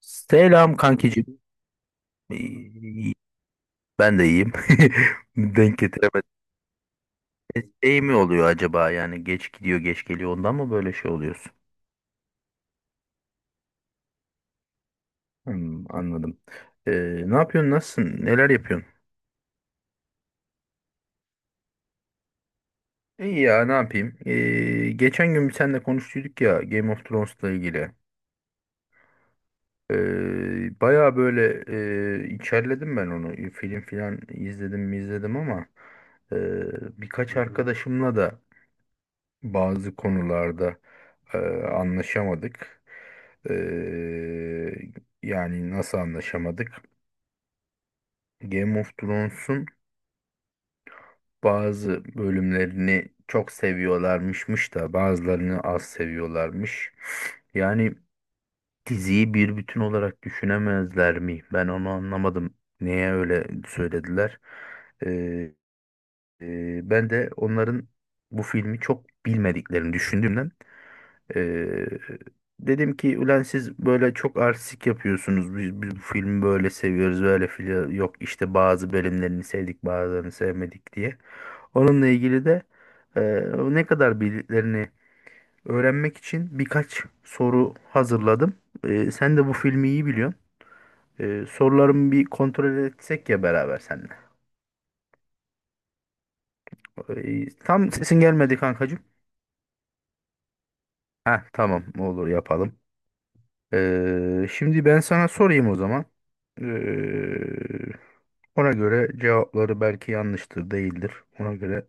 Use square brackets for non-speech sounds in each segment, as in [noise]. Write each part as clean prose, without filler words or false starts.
Selam kankicim. İyi- Ben de iyiyim. [laughs] Denk getiremedim. Şey mi oluyor acaba yani geç gidiyor geç geliyor ondan mı böyle şey oluyorsun? Hmm, anladım. Ee, Ne yapıyorsun nasılsın neler yapıyorsun? İyi ya ne yapayım? Geçen gün bir seninle konuştuyduk ya Game of Thrones'la ilgili. Baya böyle içerledim ben onu. Film filan izledim mi izledim ama birkaç arkadaşımla da bazı konularda Ee, anlaşamadık. Ee, Yani nasıl anlaşamadık? Game of Thrones'un bazı bölümlerini çok seviyorlarmışmış da bazılarını az seviyorlarmış. Yani diziyi bir bütün olarak düşünemezler mi? Ben onu anlamadım. Neye öyle söylediler? Ee, Ben de onların bu filmi çok bilmediklerini düşündüm. Ee, Dedim ki ulan siz böyle çok artistik yapıyorsunuz. Biz bu filmi böyle seviyoruz böyle fili yok işte bazı bölümlerini sevdik bazılarını sevmedik diye. Onunla ilgili de e, ne kadar bildiklerini öğrenmek için birkaç soru hazırladım. Sen de bu filmi iyi biliyorsun. Sorularımı bir kontrol etsek ya beraber seninle. Tam sesin gelmedi kankacığım. Ha tamam olur yapalım. Şimdi ben sana sorayım o zaman. Ee, Ona göre cevapları belki yanlıştır, değildir. Ona göre.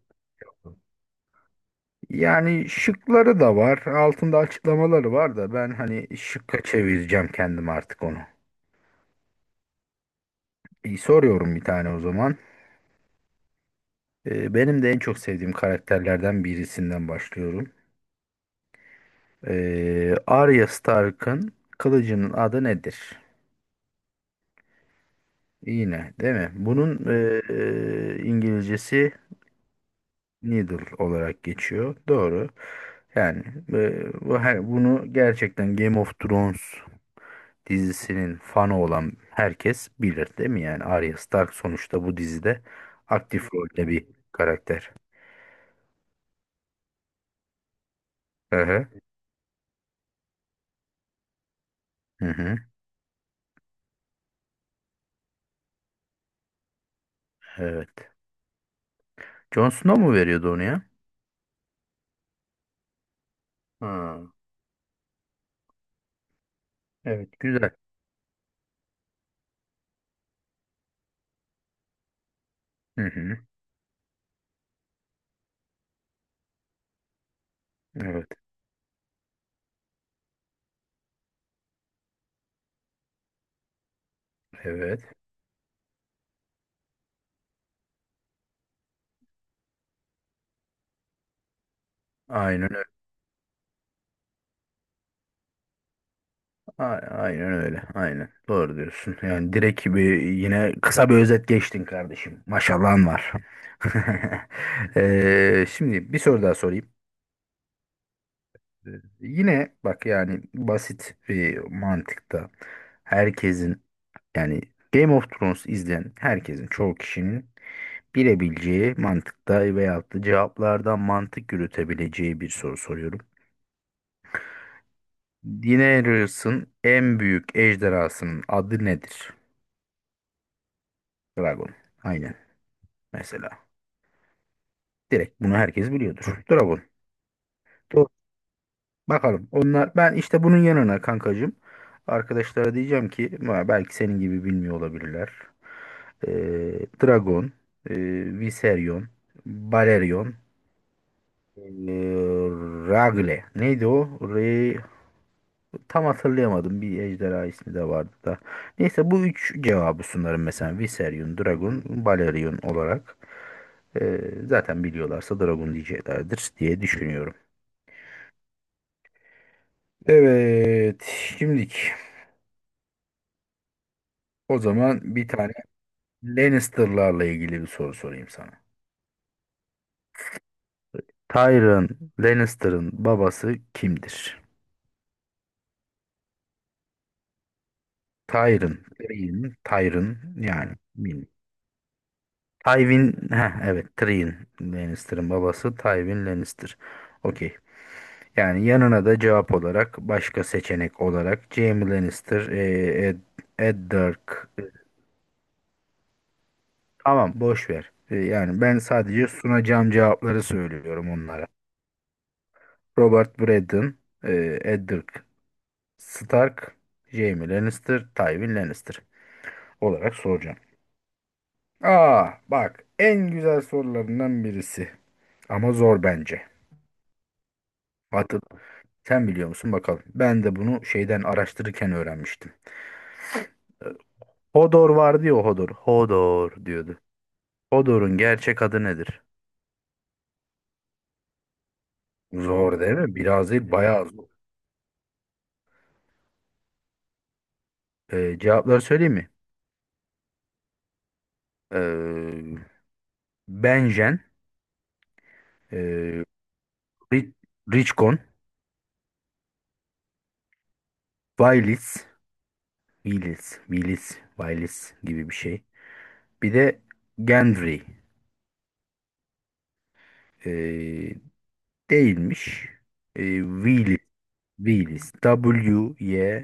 Yani şıkları da var, altında açıklamaları var da ben hani şıkka çevireceğim kendim artık onu. İyi, soruyorum bir tane o zaman. Benim de en çok sevdiğim karakterlerden birisinden başlıyorum. Arya Stark'ın kılıcının adı nedir? Yine, değil mi? Bunun İngilizcesi Needle olarak geçiyor. Doğru. Yani bu her, bunu gerçekten Game of Thrones dizisinin fanı olan herkes bilir değil mi? Yani Arya Stark sonuçta bu dizide aktif rolde bir karakter. Hı hı. Hı hı. Evet. Jon Snow mu veriyordu onu ya? Ha, evet güzel. Hı hı. Evet. Evet. Aynen A- Aynen öyle. Aynen. Doğru diyorsun. Yani direkt bir yine kısa bir özet geçtin kardeşim. Maşallahın var. [laughs] Şimdi bir soru daha sorayım. Ee, Yine bak yani basit bir mantıkta herkesin yani Game of Thrones izleyen herkesin çoğu kişinin bilebileceği mantıkta veyahut da cevaplardan mantık yürütebileceği bir soru soruyorum. Daenerys'in en büyük ejderhasının adı nedir? Dragon. Aynen. Mesela. Direkt bunu herkes biliyordur. Dragon. Doğru. Bakalım. Onlar ben işte bunun yanına kankacığım arkadaşlara diyeceğim ki "Ma, belki senin gibi bilmiyor olabilirler. Dragon, e, Viserion, Balerion, e, Ragle. Neydi o? Re, tam hatırlayamadım. Bir ejderha ismi de vardı da. Neyse bu üç cevabı sunarım mesela. Viserion, Dragon, Balerion olarak. Ee, Zaten biliyorlarsa Dragon diyeceklerdir diye düşünüyorum. Evet, şimdilik o zaman bir tane Lannister'larla ilgili bir soru sorayım sana. Tyrion Lannister'ın babası kimdir? Tyrion, Tyrion, Tyrion yani bilmiyorum. Tywin, heh, evet Tyrion Lannister'ın babası Tywin Lannister. Okey. Yani yanına da cevap olarak başka seçenek olarak Jaime Lannister, Eddard. Tamam boş ver. Yani ben sadece sunacağım cevapları söylüyorum onlara. Robert Braddon, e, Eddard Stark, Jaime Lannister, Tywin Lannister olarak soracağım. Aa bak en güzel sorularından birisi ama zor bence. Atıp sen biliyor musun bakalım. Ben de bunu şeyden araştırırken öğrenmiştim. E, Hodor vardı ya Hodor. Hodor diyordu. Hodor'un gerçek adı nedir? Zor değil mi? Biraz değil bayağı zor. Cevapları söyleyeyim mi? E, Benjen, e, Ri- Richcon, Vaylits, Willis, Willis, Willis gibi bir şey. Bir de Gendry eee, değilmiş. Eee Willis, Willis, W-Y,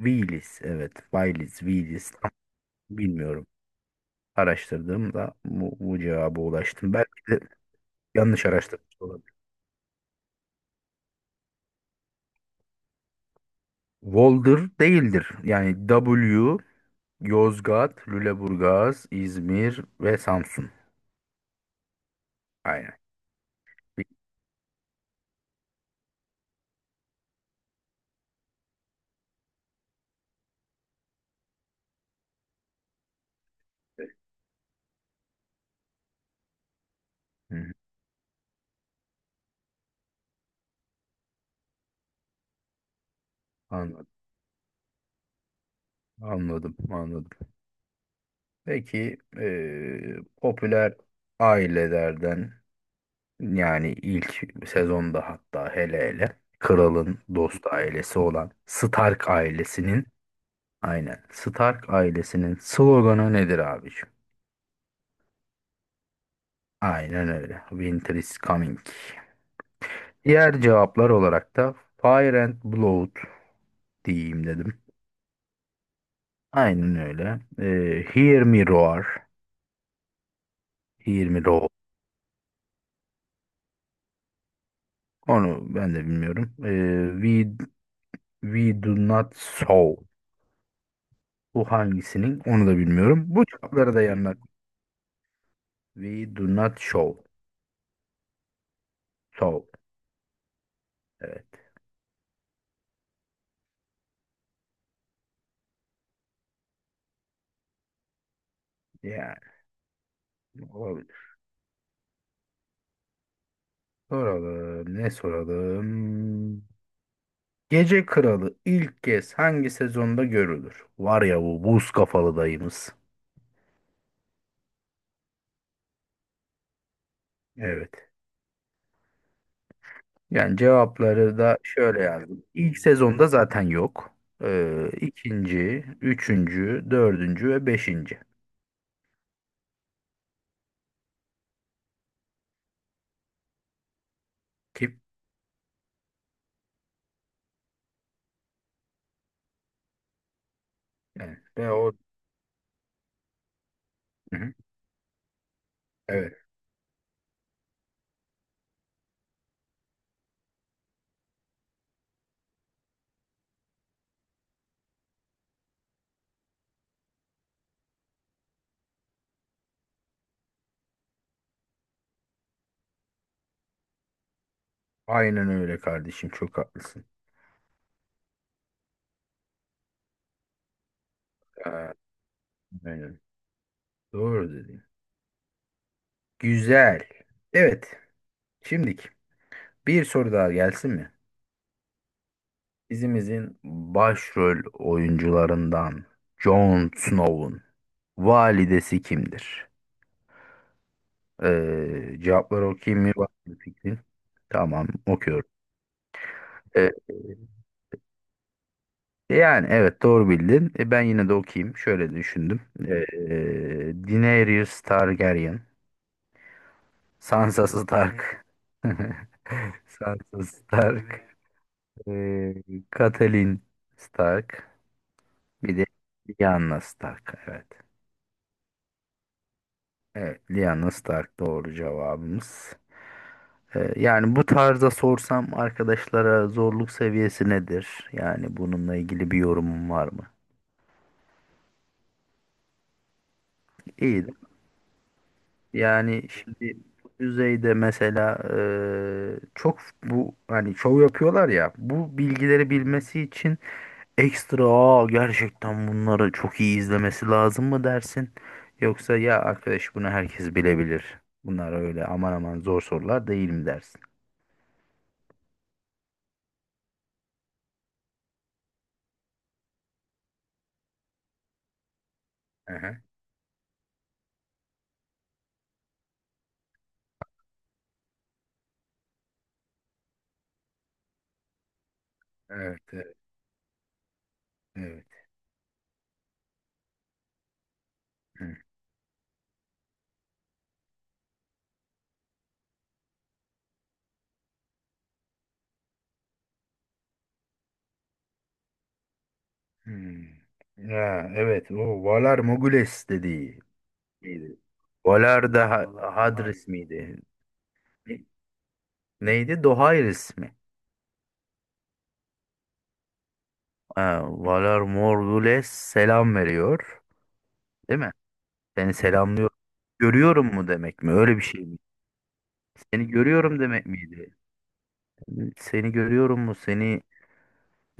Willis. Evet, Willis, Willis. Tam bilmiyorum. Araştırdığımda bu cevaba ulaştım. Belki de yanlış araştırmış olabilir. Volder değildir. Yani W, Yozgat, Lüleburgaz, İzmir ve Samsun. Aynen. Hı hı. Anladım, anladım, anladım. Peki popüler ailelerden yani ilk sezonda hatta hele hele kralın dost ailesi olan Stark ailesinin aynen Stark ailesinin sloganı nedir abiciğim? Aynen öyle. Winter is coming. Diğer cevaplar olarak da Fire and Blood diyeyim dedim. Aynen öyle. Hear Me Roar. Hear Me Roar. Onu ben de bilmiyorum. We do not sow. Bu hangisinin? Onu da bilmiyorum. Bu cevapları da yanına. We do not show. So. Evet. Yani olabilir. Soralım. Ne soralım? Gece Kralı ilk kez hangi sezonda görülür? Var ya bu buz kafalı dayımız. Evet. Yani cevapları da şöyle yazdım. İlk sezonda zaten yok. İkinci, üçüncü, dördüncü ve beşinci. Kim? Yani, ve o. Hı hı. Evet. Aynen öyle kardeşim. Çok haklısın. Ee, Aynen. Doğru dedin. Güzel. Evet. Şimdiki bir soru daha gelsin mi? Dizimizin başrol oyuncularından Jon Snow'un validesi kimdir? Cevapları okuyayım mı? Var mı fikrin? Tamam, okuyorum. Ee, Yani evet doğru bildin. Ben yine de okuyayım. Şöyle düşündüm. Daenerys Targaryen, Sansa Stark, [laughs] Sansa Stark, Ee, Catelyn Stark. Bir de Lyanna Stark. Evet. Evet. Lyanna Stark doğru cevabımız. Yani bu tarzda sorsam arkadaşlara zorluk seviyesi nedir? Yani bununla ilgili bir yorumum var mı? İyi. De. Yani şimdi bu düzeyde mesela çok bu hani şov yapıyorlar ya bu bilgileri bilmesi için ekstra "Aa, gerçekten bunları çok iyi izlemesi lazım mı dersin? Yoksa ya arkadaş bunu herkes bilebilir. Bunlar öyle aman aman zor sorular değil mi dersin? Aha, evet evet evet. Hı, hmm. Ya, evet o Valar Morghulis dediği miydi? Valar da Ha- Hadris miydi? Neydi? Dohaeris mi? Ha, Valar Morghulis selam veriyor. Değil mi? Seni selamlıyor. Görüyorum mu demek mi? Öyle bir şey mi? Seni görüyorum demek miydi? Seni görüyorum mu? Seni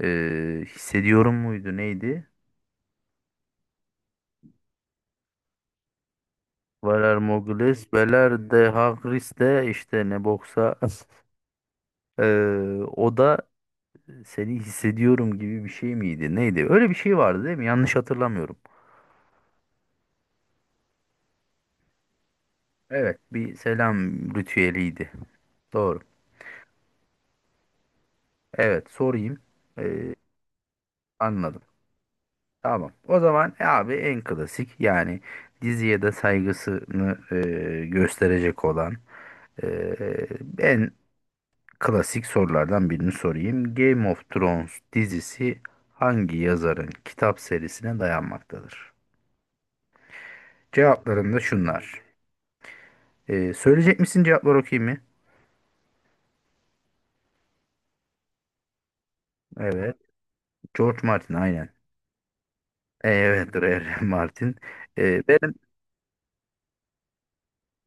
e, hissediyorum muydu? Neydi? Valer Mogules, Veler de Hagris de işte ne boksa [laughs] e, o da seni hissediyorum gibi bir şey miydi? Neydi? Öyle bir şey vardı değil mi? Yanlış hatırlamıyorum. Evet, bir selam ritüeliydi. Doğru. Evet, sorayım. Anladım. Tamam. O zaman abi en klasik yani diziye de saygısını gösterecek olan ee, en klasik sorulardan birini sorayım. Game of Thrones dizisi hangi yazarın kitap serisine dayanmaktadır? Cevaplarım da şunlar. Söyleyecek misin cevapları okuyayım mı? Evet. George Martin aynen. Evet [laughs] R.R. Martin. Benim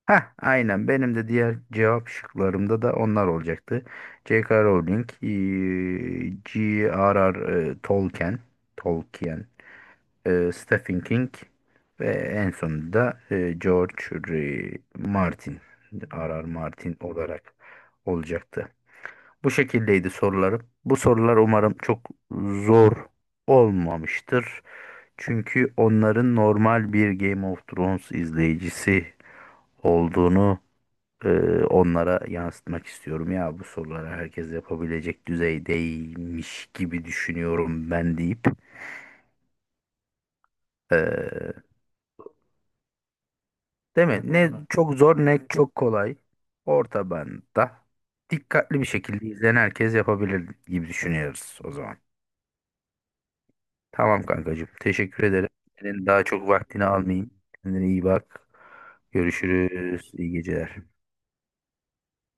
ha aynen benim de diğer cevap şıklarımda da onlar olacaktı. J.K. Rowling, G.R.R. Tolkien, Tolkien Stephen King ve en sonunda George R. Martin, R.R. Martin olarak olacaktı. Bu şekildeydi sorularım. Bu sorular umarım çok zor olmamıştır. Çünkü onların normal bir Game of Thrones izleyicisi olduğunu e, onlara yansıtmak istiyorum. Ya bu soruları herkes yapabilecek düzeydeymiş gibi düşünüyorum ben deyip e, değil mi? Ne, hı, çok zor ne çok kolay. Orta bantta dikkatli bir şekilde izleyen herkes yapabilir gibi düşünüyoruz o zaman. Tamam kankacığım. Teşekkür ederim. Senin daha çok vaktini almayayım. Kendine iyi bak. Görüşürüz. İyi geceler.